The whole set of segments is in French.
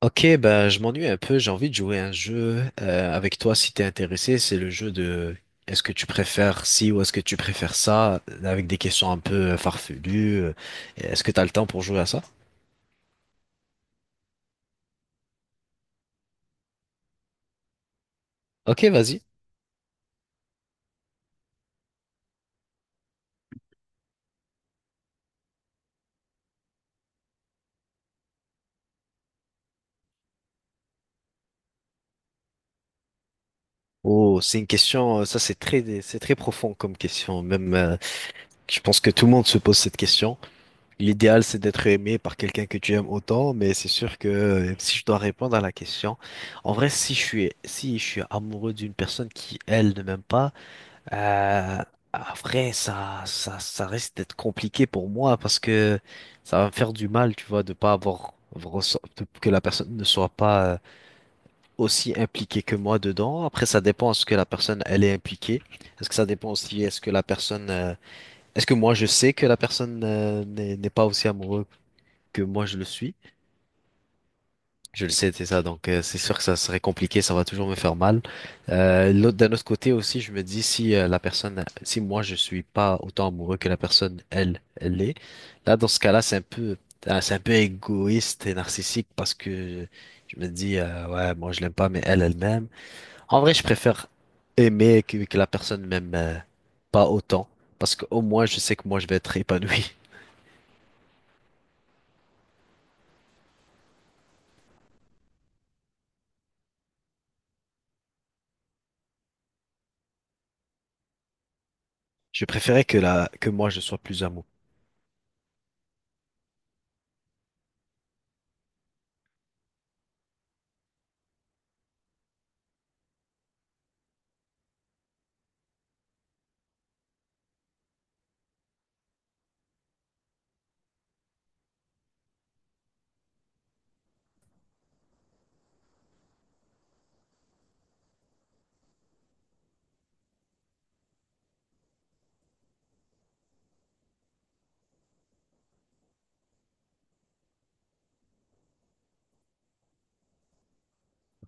Ok, bah, je m'ennuie un peu, j'ai envie de jouer à un jeu avec toi si t'es intéressé. C'est le jeu de est-ce que tu préfères ci ou est-ce que tu préfères ça, avec des questions un peu farfelues. Est-ce que t'as le temps pour jouer à ça? Ok, vas-y. Oh, c'est une question, ça c'est très profond comme question. Je pense que tout le monde se pose cette question. L'idéal c'est d'être aimé par quelqu'un que tu aimes autant, mais c'est sûr que si je dois répondre à la question, en vrai, si je suis amoureux d'une personne qui elle ne m'aime pas. Euh, Après, ça risque d'être compliqué pour moi parce que ça va me faire du mal, tu vois, de pas avoir que la personne ne soit pas aussi impliquée que moi dedans. Après, ça dépend est-ce que la personne elle est impliquée. Est-ce que ça dépend aussi est-ce que la personne est-ce que moi je sais que la personne n'est pas aussi amoureuse que moi je le suis. Je le sais, c'est ça. Donc, c'est sûr que ça serait compliqué, ça va toujours me faire mal. D'un autre côté aussi, je me dis si la personne, si moi je suis pas autant amoureux que la personne, elle, elle l'est. Là, dans ce cas-là, c'est un peu égoïste et narcissique parce que je me dis, ouais, moi je l'aime pas, mais elle, elle m'aime. En vrai, je préfère aimer que la personne m'aime pas autant parce qu'au moins je sais que moi je vais être épanoui. Je préférais que moi je sois plus amoureux.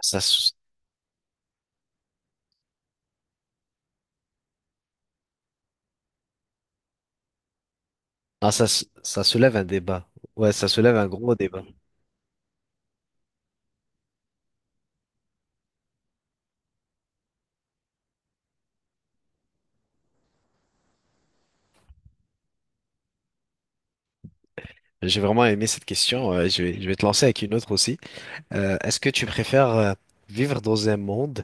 Ça, ah, ça, ça soulève un débat. Ouais, ça soulève un gros débat. J'ai vraiment aimé cette question. Je vais te lancer avec une autre aussi. Est-ce que tu préfères vivre dans un monde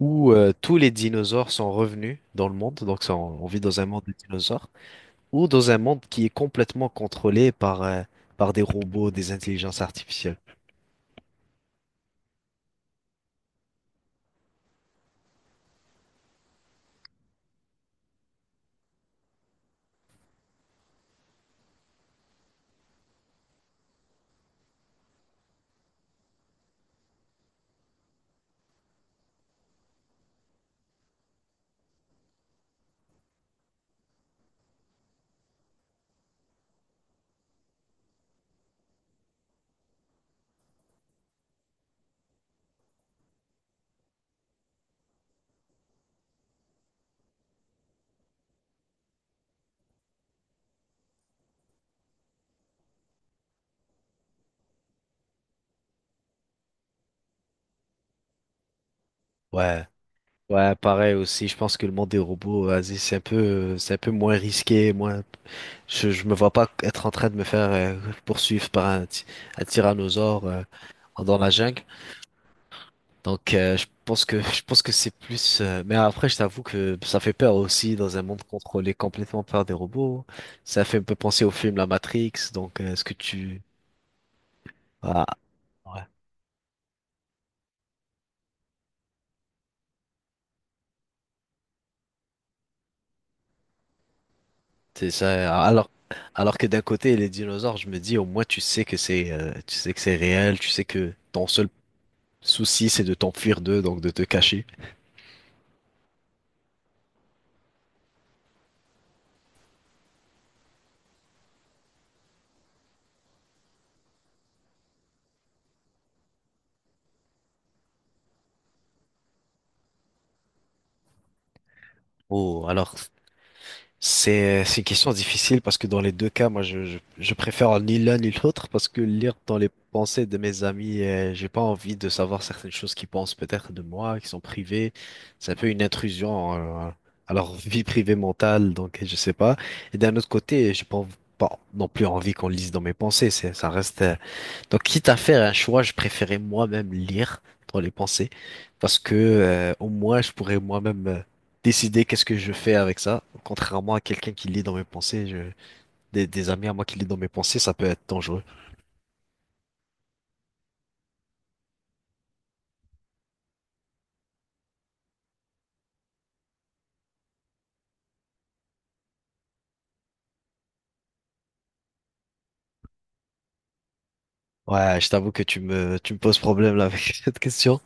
où tous les dinosaures sont revenus dans le monde, donc ça, on vit dans un monde de dinosaures, ou dans un monde qui est complètement contrôlé par, par des robots, des intelligences artificielles? Ouais, ouais, pareil aussi. Je pense que le monde des robots, vas-y, c'est un peu moins risqué, moins. Je me vois pas être en train de me faire poursuivre par un, un tyrannosaure dans la jungle. Donc je pense que c'est plus. Mais après, je t'avoue que ça fait peur aussi dans un monde contrôlé complètement par des robots. Ça fait un peu penser au film La Matrix. Donc est-ce que tu ah, ouais. C'est ça. Alors que d'un côté les dinosaures, je me dis au moins tu sais que c'est tu sais que c'est réel. Tu sais que ton seul souci c'est de t'enfuir d'eux donc de te cacher. Oh alors, c'est une question difficile parce que dans les deux cas, moi, je préfère ni l'un ni l'autre parce que lire dans les pensées de mes amis, j'ai pas envie de savoir certaines choses qu'ils pensent peut-être de moi, qui sont privées. C'est un peu une intrusion euh, à leur vie privée mentale, donc je sais pas. Et d'un autre côté, j'ai pas, env- pas non plus envie qu'on lise dans mes pensées. C'est, ça reste donc, quitte à faire un choix, je préférais moi-même lire dans les pensées parce que au moins je pourrais moi-même décider qu'est-ce que je fais avec ça. Contrairement à quelqu'un qui lit dans mes pensées, je... des amis à moi qui lit dans mes pensées, ça peut être dangereux. Ouais, je t'avoue que tu me poses problème là avec cette question.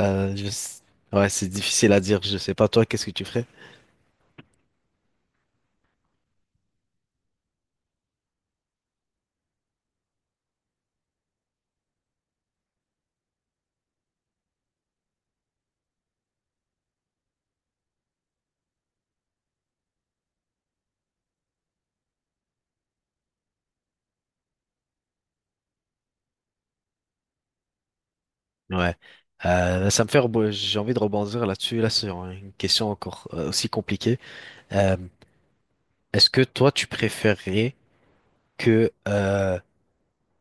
Je... ouais, c'est difficile à dire. Je sais pas toi, qu'est-ce que tu ferais? Ouais. Ça me fait j'ai envie de rebondir là-dessus là sur une question encore aussi compliquée. Euh, Est-ce que toi tu préférerais que, euh,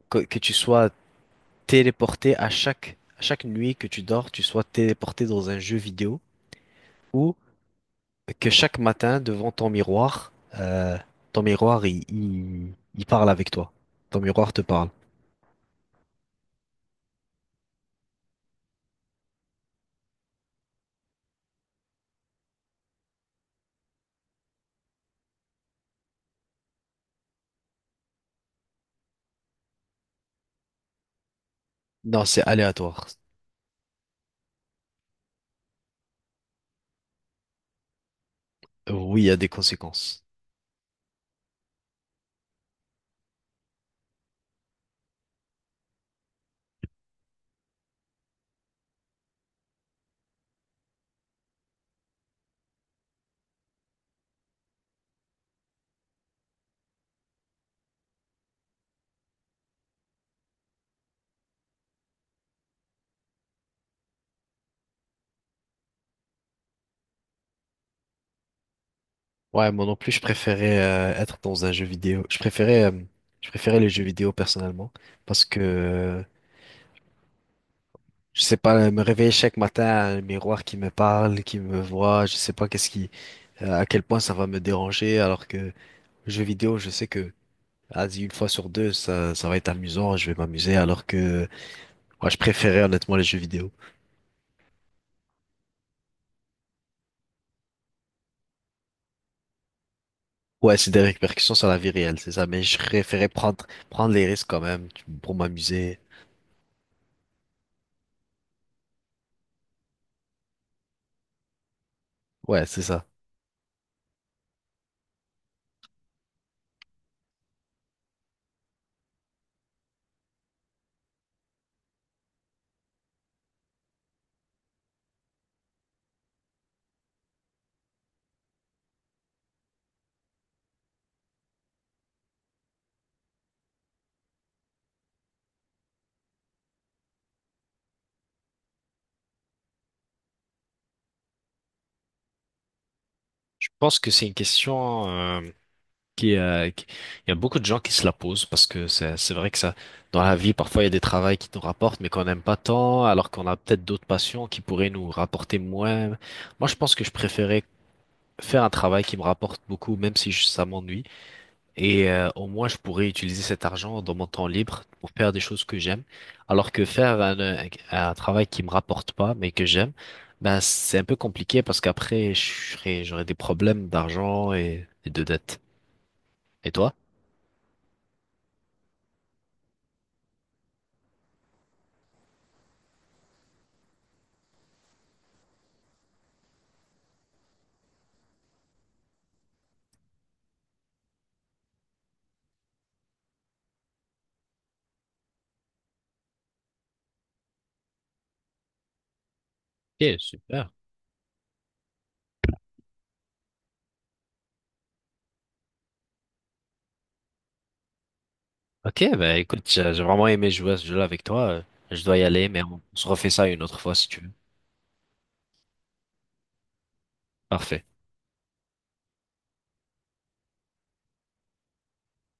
que tu sois téléporté à chaque nuit que tu dors, tu sois téléporté dans un jeu vidéo ou que chaque matin devant ton miroir, ton miroir il parle avec toi. Ton miroir te parle. Non, c'est aléatoire. Oui, il y a des conséquences. Ouais, moi non plus, je préférais être dans un jeu vidéo. Je préférais les jeux vidéo personnellement parce que je sais pas, me réveiller chaque matin, un miroir qui me parle, qui me voit, je sais pas qu'est-ce qui à quel point ça va me déranger, alors que jeux vidéo, je sais que, vas-y, une fois sur deux, ça va être amusant, je vais m'amuser, alors que moi, je préférais honnêtement les jeux vidéo. Ouais, c'est des répercussions sur la vie réelle, c'est ça, mais je préférais prendre les risques quand même pour m'amuser. Ouais, c'est ça. Je pense que c'est une question qui, euh, qui- il y a beaucoup de gens qui se la posent parce que c'est vrai que ça dans la vie parfois il y a des travails qui nous rapportent mais qu'on n'aime pas tant alors qu'on a peut-être d'autres passions qui pourraient nous rapporter moins. Moi je pense que je préférais faire un travail qui me rapporte beaucoup, même si ça m'ennuie. Et au moins, je pourrais utiliser cet argent dans mon temps libre pour faire des choses que j'aime. Alors que un travail qui me rapporte pas, mais que j'aime, ben, c'est un peu compliqué parce qu'après, j'aurais des problèmes d'argent et de dettes. Et toi? Ok, super. Ok, ben écoute, j'ai vraiment aimé jouer à ce jeu-là avec toi. Je dois y aller, mais on se refait ça une autre fois si tu veux. Parfait.